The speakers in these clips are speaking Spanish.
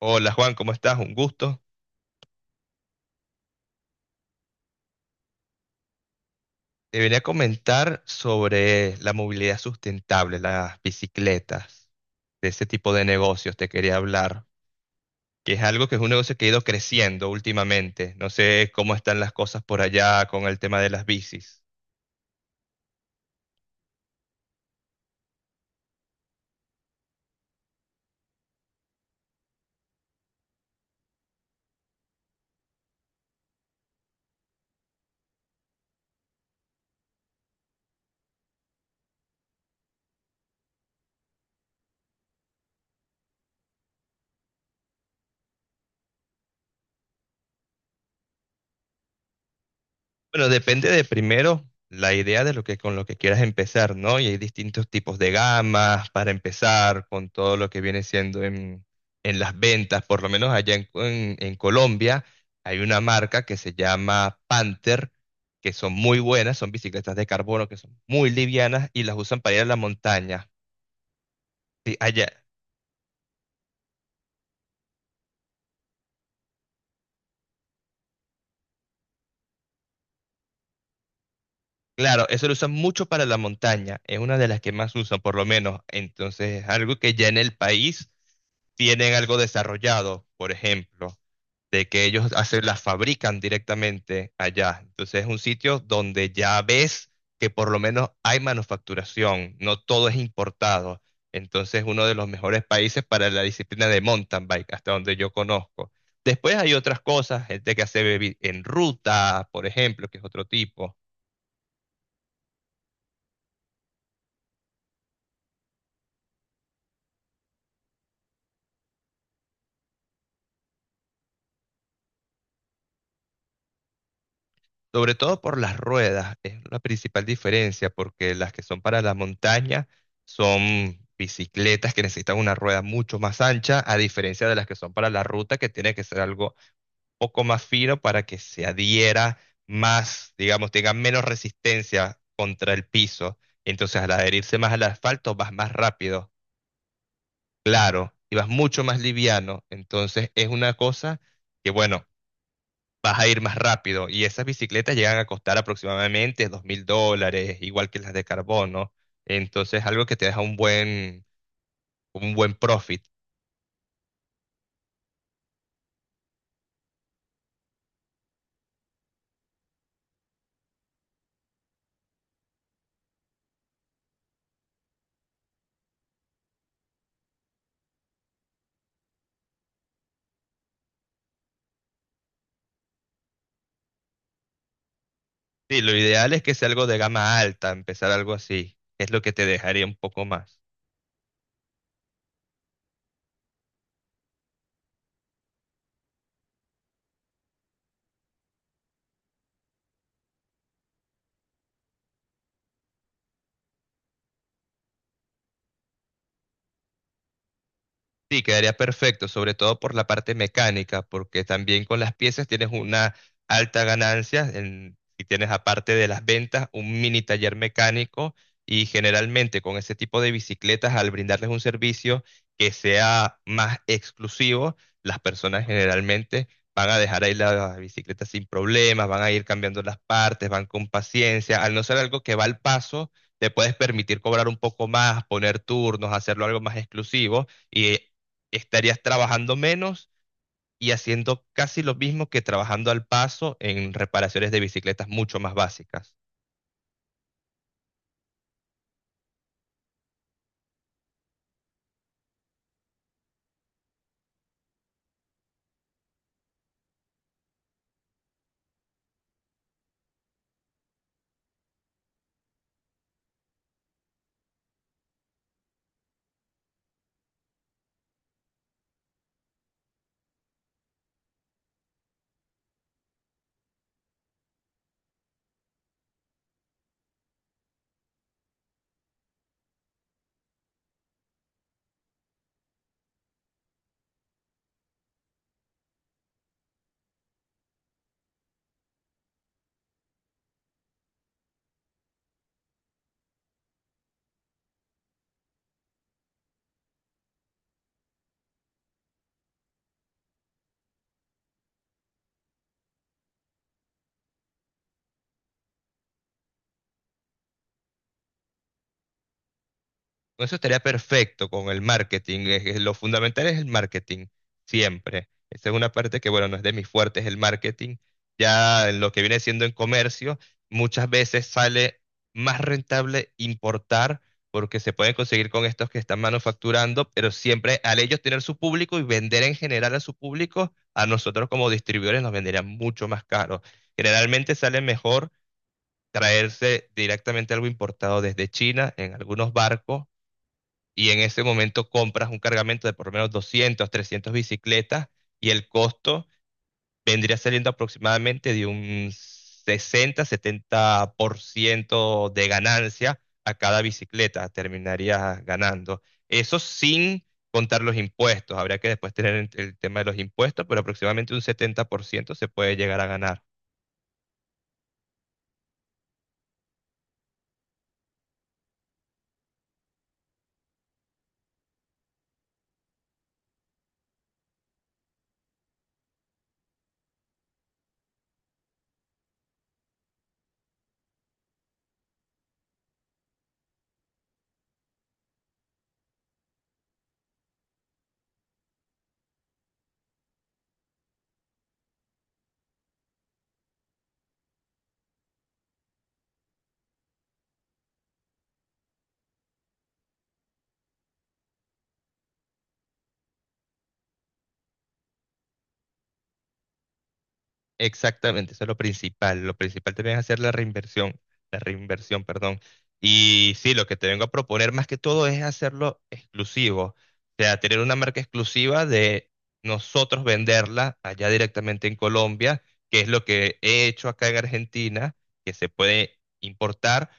Hola Juan, ¿cómo estás? Un gusto. Te venía a comentar sobre la movilidad sustentable, las bicicletas, de ese tipo de negocios te quería hablar, que es algo que es un negocio que ha ido creciendo últimamente. No sé cómo están las cosas por allá con el tema de las bicis. Bueno, depende de primero la idea de lo que con lo que quieras empezar, ¿no? Y hay distintos tipos de gamas para empezar con todo lo que viene siendo en las ventas, por lo menos allá en Colombia hay una marca que se llama Panther, que son muy buenas, son bicicletas de carbono que son muy livianas y las usan para ir a la montaña. Sí, allá, claro, eso lo usan mucho para la montaña, es una de las que más usan por lo menos, entonces es algo que ya en el país tienen algo desarrollado, por ejemplo, de que ellos hacen, las fabrican directamente allá, entonces es un sitio donde ya ves que por lo menos hay manufacturación, no todo es importado, entonces uno de los mejores países para la disciplina de mountain bike, hasta donde yo conozco. Después hay otras cosas, gente que hace en ruta, por ejemplo, que es otro tipo. Sobre todo por las ruedas, es la principal diferencia, porque las que son para la montaña son bicicletas que necesitan una rueda mucho más ancha, a diferencia de las que son para la ruta, que tiene que ser algo poco más fino para que se adhiera más, digamos, tenga menos resistencia contra el piso. Entonces, al adherirse más al asfalto, vas más rápido, claro, y vas mucho más liviano. Entonces, es una cosa que, bueno, vas a ir más rápido. Y esas bicicletas llegan a costar aproximadamente 2000 dólares, igual que las de carbono. Entonces, algo que te deja un buen profit. Sí, lo ideal es que sea algo de gama alta, empezar algo así. Es lo que te dejaría un poco más. Sí, quedaría perfecto, sobre todo por la parte mecánica, porque también con las piezas tienes una alta ganancia en- si tienes aparte de las ventas un mini taller mecánico y generalmente con ese tipo de bicicletas al brindarles un servicio que sea más exclusivo, las personas generalmente van a dejar ahí la bicicleta sin problemas, van a ir cambiando las partes, van con paciencia, al no ser algo que va al paso, te puedes permitir cobrar un poco más, poner turnos, hacerlo algo más exclusivo y estarías trabajando menos y haciendo casi lo mismo que trabajando al paso en reparaciones de bicicletas mucho más básicas. Con eso estaría perfecto con el marketing. Lo fundamental es el marketing, siempre. Esa es una parte que, bueno, no es de mis fuertes, el marketing. Ya en lo que viene siendo en comercio, muchas veces sale más rentable importar porque se pueden conseguir con estos que están manufacturando, pero siempre al ellos tener su público y vender en general a su público, a nosotros como distribuidores nos venderían mucho más caro. Generalmente sale mejor traerse directamente algo importado desde China en algunos barcos y en ese momento compras un cargamento de por lo menos 200, 300 bicicletas y el costo vendría saliendo aproximadamente de un 60, 70% de ganancia a cada bicicleta, terminarías ganando. Eso sin contar los impuestos, habría que después tener el tema de los impuestos, pero aproximadamente un 70% se puede llegar a ganar. Exactamente, eso es lo principal. Lo principal también es hacer la reinversión, perdón. Y sí, lo que te vengo a proponer más que todo es hacerlo exclusivo. O sea, tener una marca exclusiva de nosotros venderla allá directamente en Colombia, que es lo que he hecho acá en Argentina, que se puede importar,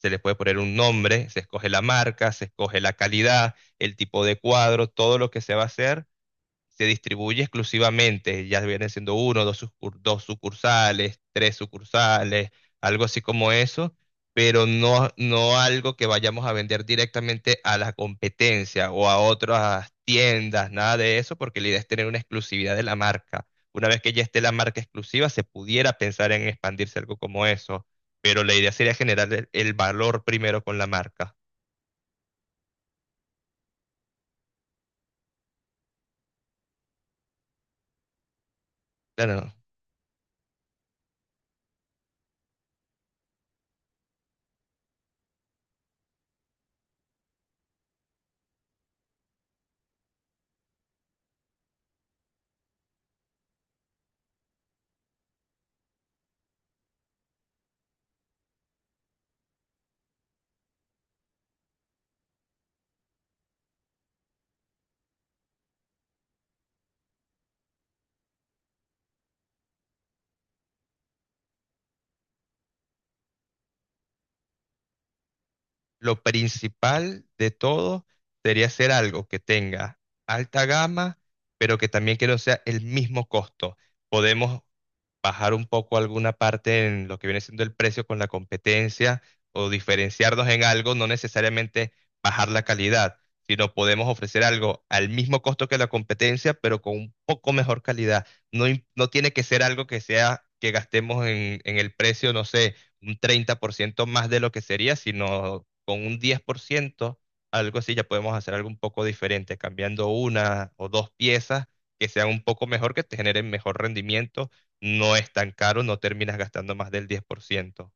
se le puede poner un nombre, se escoge la marca, se escoge la calidad, el tipo de cuadro, todo lo que se va a hacer se distribuye exclusivamente, ya vienen siendo uno, dos, dos sucursales, tres sucursales, algo así como eso, pero no, no algo que vayamos a vender directamente a la competencia o a otras tiendas, nada de eso, porque la idea es tener una exclusividad de la marca. Una vez que ya esté la marca exclusiva, se pudiera pensar en expandirse algo como eso, pero la idea sería generar el valor primero con la marca. Claro, lo principal de todo sería hacer algo que tenga alta gama, pero que también que no sea el mismo costo. Podemos bajar un poco alguna parte en lo que viene siendo el precio con la competencia o diferenciarnos en algo, no necesariamente bajar la calidad, sino podemos ofrecer algo al mismo costo que la competencia, pero con un poco mejor calidad. No, no tiene que ser algo que sea que gastemos en el precio, no sé, un 30% más de lo que sería, sino con un 10% algo así, ya podemos hacer algo un poco diferente, cambiando una o dos piezas que sean un poco mejor, que te generen mejor rendimiento, no es tan caro, no terminas gastando más del 10%.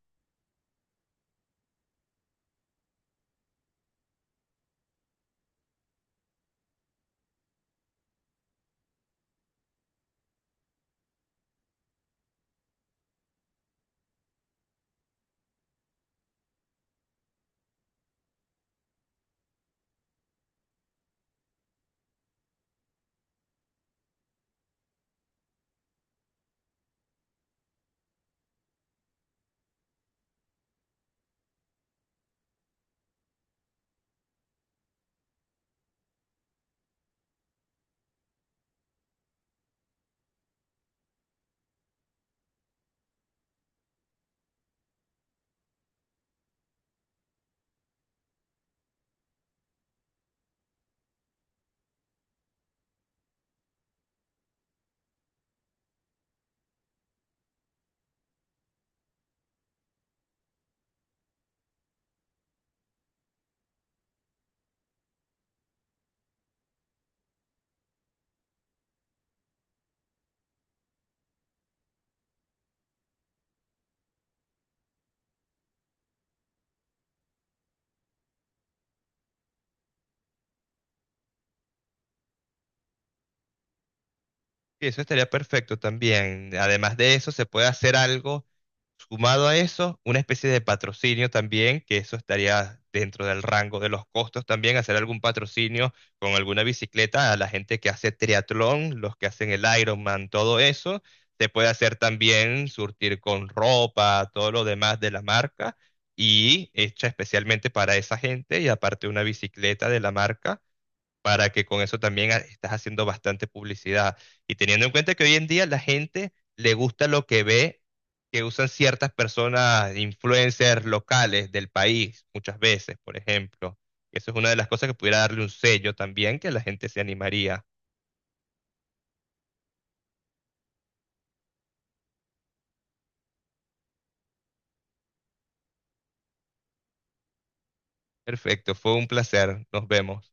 Y eso estaría perfecto también. Además de eso, se puede hacer algo sumado a eso, una especie de patrocinio también, que eso estaría dentro del rango de los costos también, hacer algún patrocinio con alguna bicicleta a la gente que hace triatlón, los que hacen el Ironman, todo eso. Se puede hacer también surtir con ropa, todo lo demás de la marca y hecha especialmente para esa gente y aparte una bicicleta de la marca para que con eso también estás haciendo bastante publicidad. Y teniendo en cuenta que hoy en día la gente le gusta lo que ve, que usan ciertas personas, influencers locales del país, muchas veces, por ejemplo. Eso es una de las cosas que pudiera darle un sello también, que la gente se animaría. Perfecto, fue un placer. Nos vemos.